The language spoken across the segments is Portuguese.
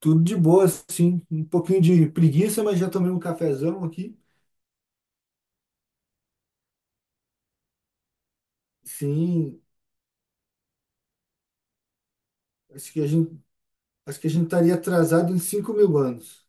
Tudo de boa, sim. Um pouquinho de preguiça, mas já tomei um cafezão aqui. Sim, acho que a gente, acho que a gente estaria atrasado em 5 mil anos.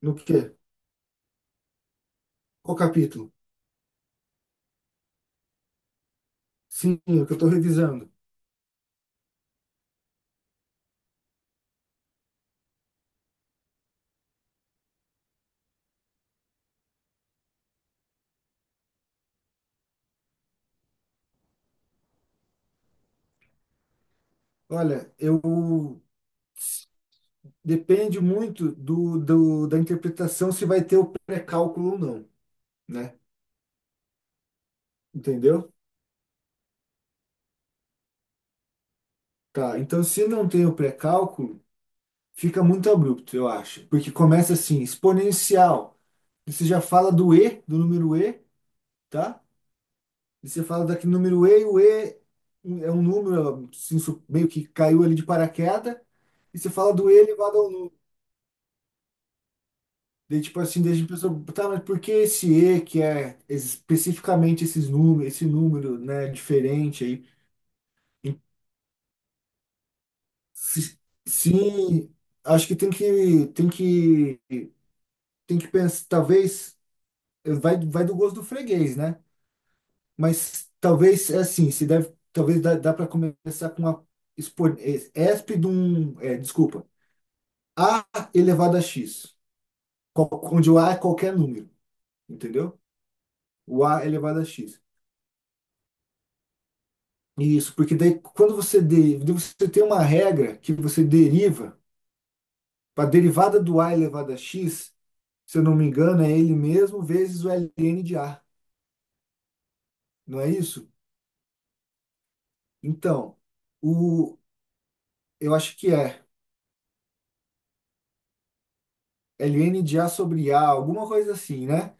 No quê? Qual capítulo? Sim, o que eu estou revisando. Olha, eu depende muito da interpretação se vai ter o pré-cálculo ou não, né? Entendeu? Tá, então se não tem o pré-cálculo, fica muito abrupto, eu acho. Porque começa assim, exponencial. Você já fala do E, do número E, tá? E você fala daqui número E, e o E é um número assim, meio que caiu ali de paraquedas, e você fala do E elevado ao número. Daí, tipo assim, deixa a pessoa, tá, mas por que esse E que é especificamente esses números, esse número, né, diferente aí? E se- Sim, acho que tem que pensar, talvez, vai do gosto do freguês, né? Mas talvez, é assim, se deve, talvez dá para começar com uma esp de um, desculpa, A elevado a x, onde o A é qualquer número, entendeu? O A é elevado a x. Isso, porque daí quando você tem uma regra que você deriva, para a derivada do A elevado a x, se eu não me engano, é ele mesmo vezes o ln de A, não é isso? Então, o, eu acho que é ln de A sobre A, alguma coisa assim, né?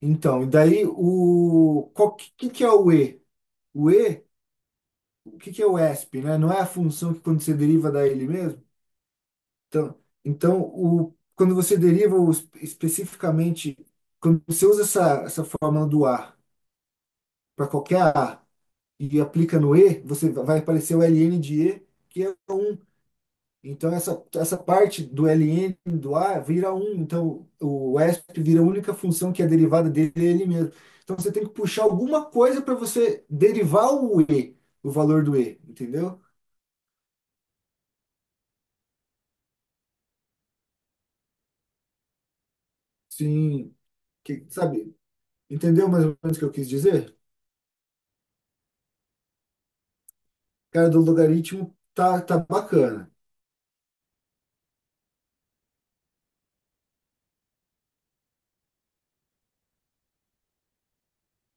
Então, e daí que é o E? O E, o que que é o ESP, né? Não é a função que quando você deriva dá ele mesmo? Então, quando você deriva o especificamente, quando você usa essa fórmula do A para qualquer A e aplica no E, você vai aparecer o ln de E, que é um. Então, essa parte do ln do A vira um. Então, o ESP vira a única função que é derivada dele é ele mesmo. Então, você tem que puxar alguma coisa para você derivar o E, o valor do E, entendeu? Sim, que, sabe? Entendeu mais ou menos o que eu quis dizer? Cara, do logaritmo tá bacana.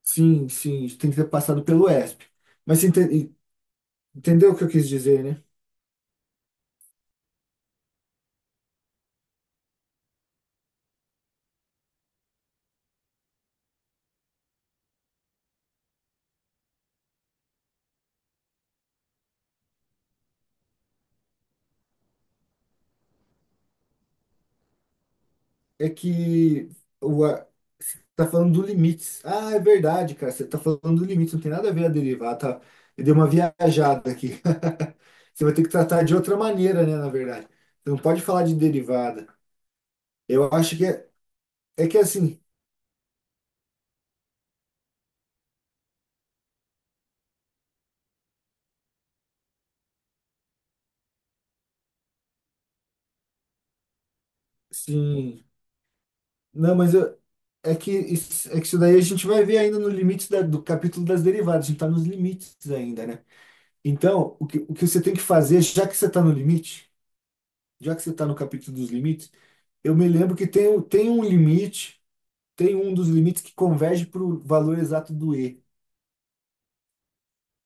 Sim, sim, tem que ter passado pelo ESP. Mas você entendeu o que eu quis dizer, né? É que o, a- você tá falando do limites. Ah, é verdade, cara. Você tá falando do limite, não tem nada a ver a derivar, tá? Eu dei uma viajada aqui. Você vai ter que tratar de outra maneira, né, na verdade. Você não pode falar de derivada. Eu acho que é que assim, sim. Não, mas é que isso daí a gente vai ver ainda no limite do capítulo das derivadas. A gente está nos limites ainda, né? Então, o que você tem que fazer, já que você está no limite, já que você está no capítulo dos limites, eu me lembro que tem um limite, tem um dos limites que converge para o valor exato do E,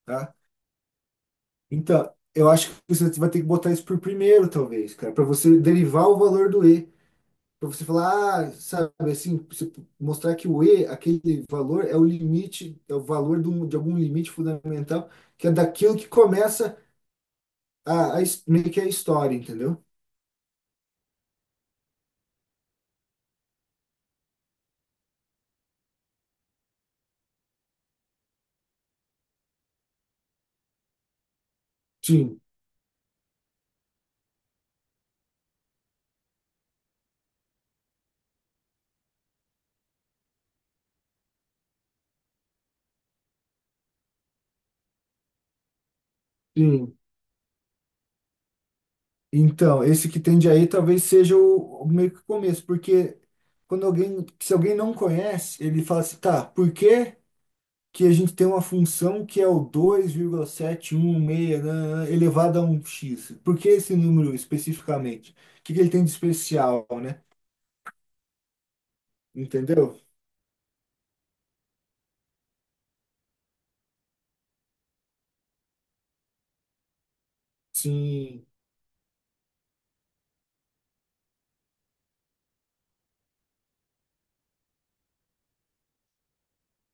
tá? Então, eu acho que você vai ter que botar isso por primeiro, talvez, cara, para você derivar o valor do E. Para você falar, ah, sabe, assim, você mostrar que o E, aquele valor, é o limite, é o valor de, de algum limite fundamental, que é daquilo que começa meio que a história, entendeu? Sim, sim. Então, esse que tende aí talvez seja o meio que o começo, porque quando alguém, se alguém não conhece, ele fala assim, tá, por quê? Que a gente tem uma função que é o 2,716 nananã, elevado a um x. Por que esse número especificamente? O que que ele tem de especial, né? Entendeu? Sim.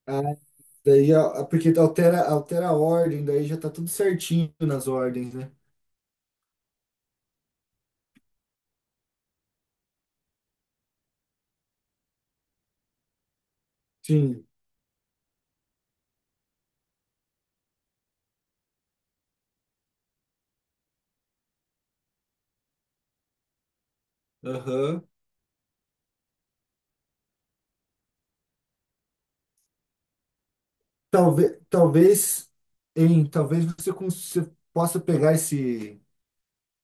Ah, daí, porque altera a ordem, daí já tá tudo certinho nas ordens, né? Sim. Aham. Talvez, talvez, talvez você possa pegar esse.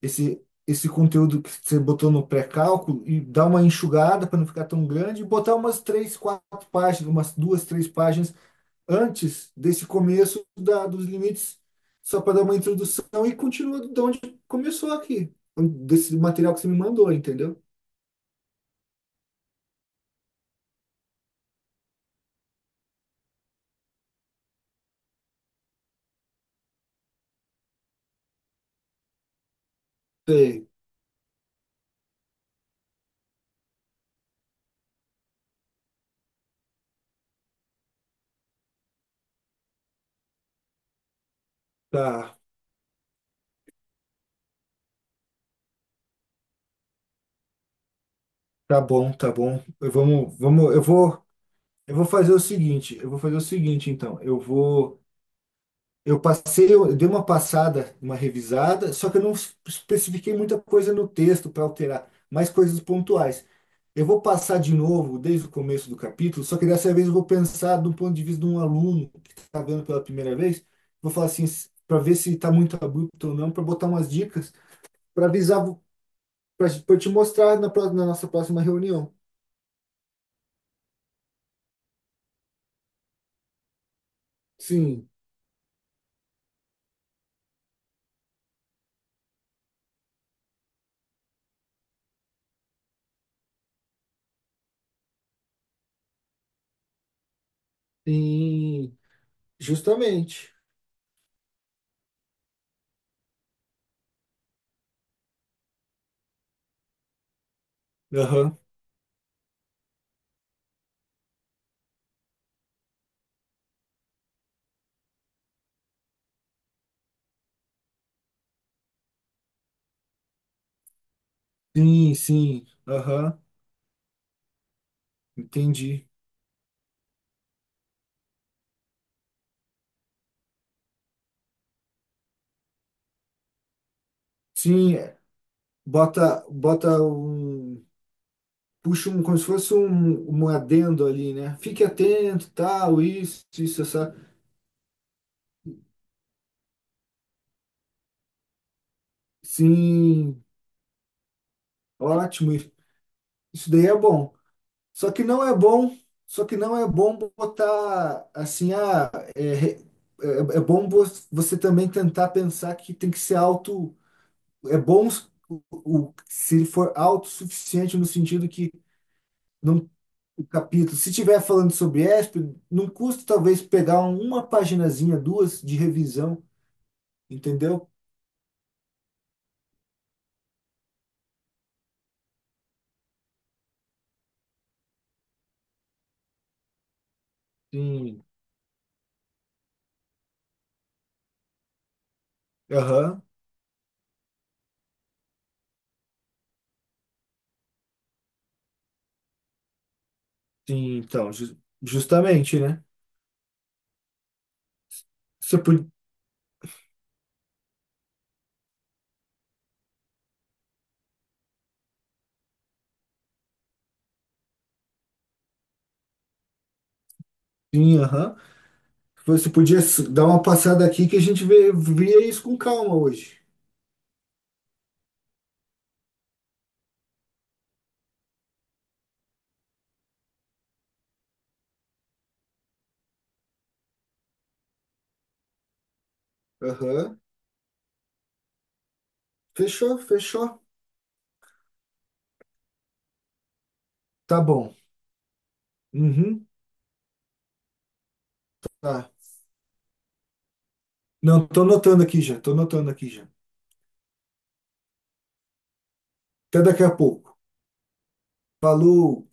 Esse conteúdo que você botou no pré-cálculo e dar uma enxugada para não ficar tão grande, e botar umas três, quatro páginas, umas duas, três páginas antes desse começo dos limites, só para dar uma introdução e continua de onde começou aqui, desse material que você me mandou, entendeu? Sei, tá, tá bom, tá bom. Eu vou fazer o seguinte, então, eu vou. Eu dei uma passada, uma revisada, só que eu não especifiquei muita coisa no texto para alterar, mais coisas pontuais. Eu vou passar de novo desde o começo do capítulo, só que dessa vez eu vou pensar do ponto de vista de um aluno que está vendo pela primeira vez. Vou falar assim, para ver se está muito abrupto ou não, para botar umas dicas, para avisar, para te mostrar na nossa próxima reunião. Sim, sim, justamente. Aham. Sim, sim, aham, entendi. Sim, bota um, puxa um, como se fosse um adendo ali, né? Fique atento, tal, isso, essa. Sim, ótimo, isso daí é bom. Só que não é bom, só que não é bom botar assim, ah, é bom você também tentar pensar que tem que ser auto, é bom se ele for autossuficiente no sentido que não o capítulo. Se tiver falando sobre ESP, não custa talvez pegar uma paginazinha, duas de revisão, entendeu? Sim, aham. Sim, então, justamente, né? Você podia, sim, aham. Você podia dar uma passada aqui que a gente via isso com calma hoje. Aham. Fechou, fechou. Tá bom. Uhum, tá. Não, tô anotando aqui já, tô anotando aqui já. Até daqui a pouco. Falou.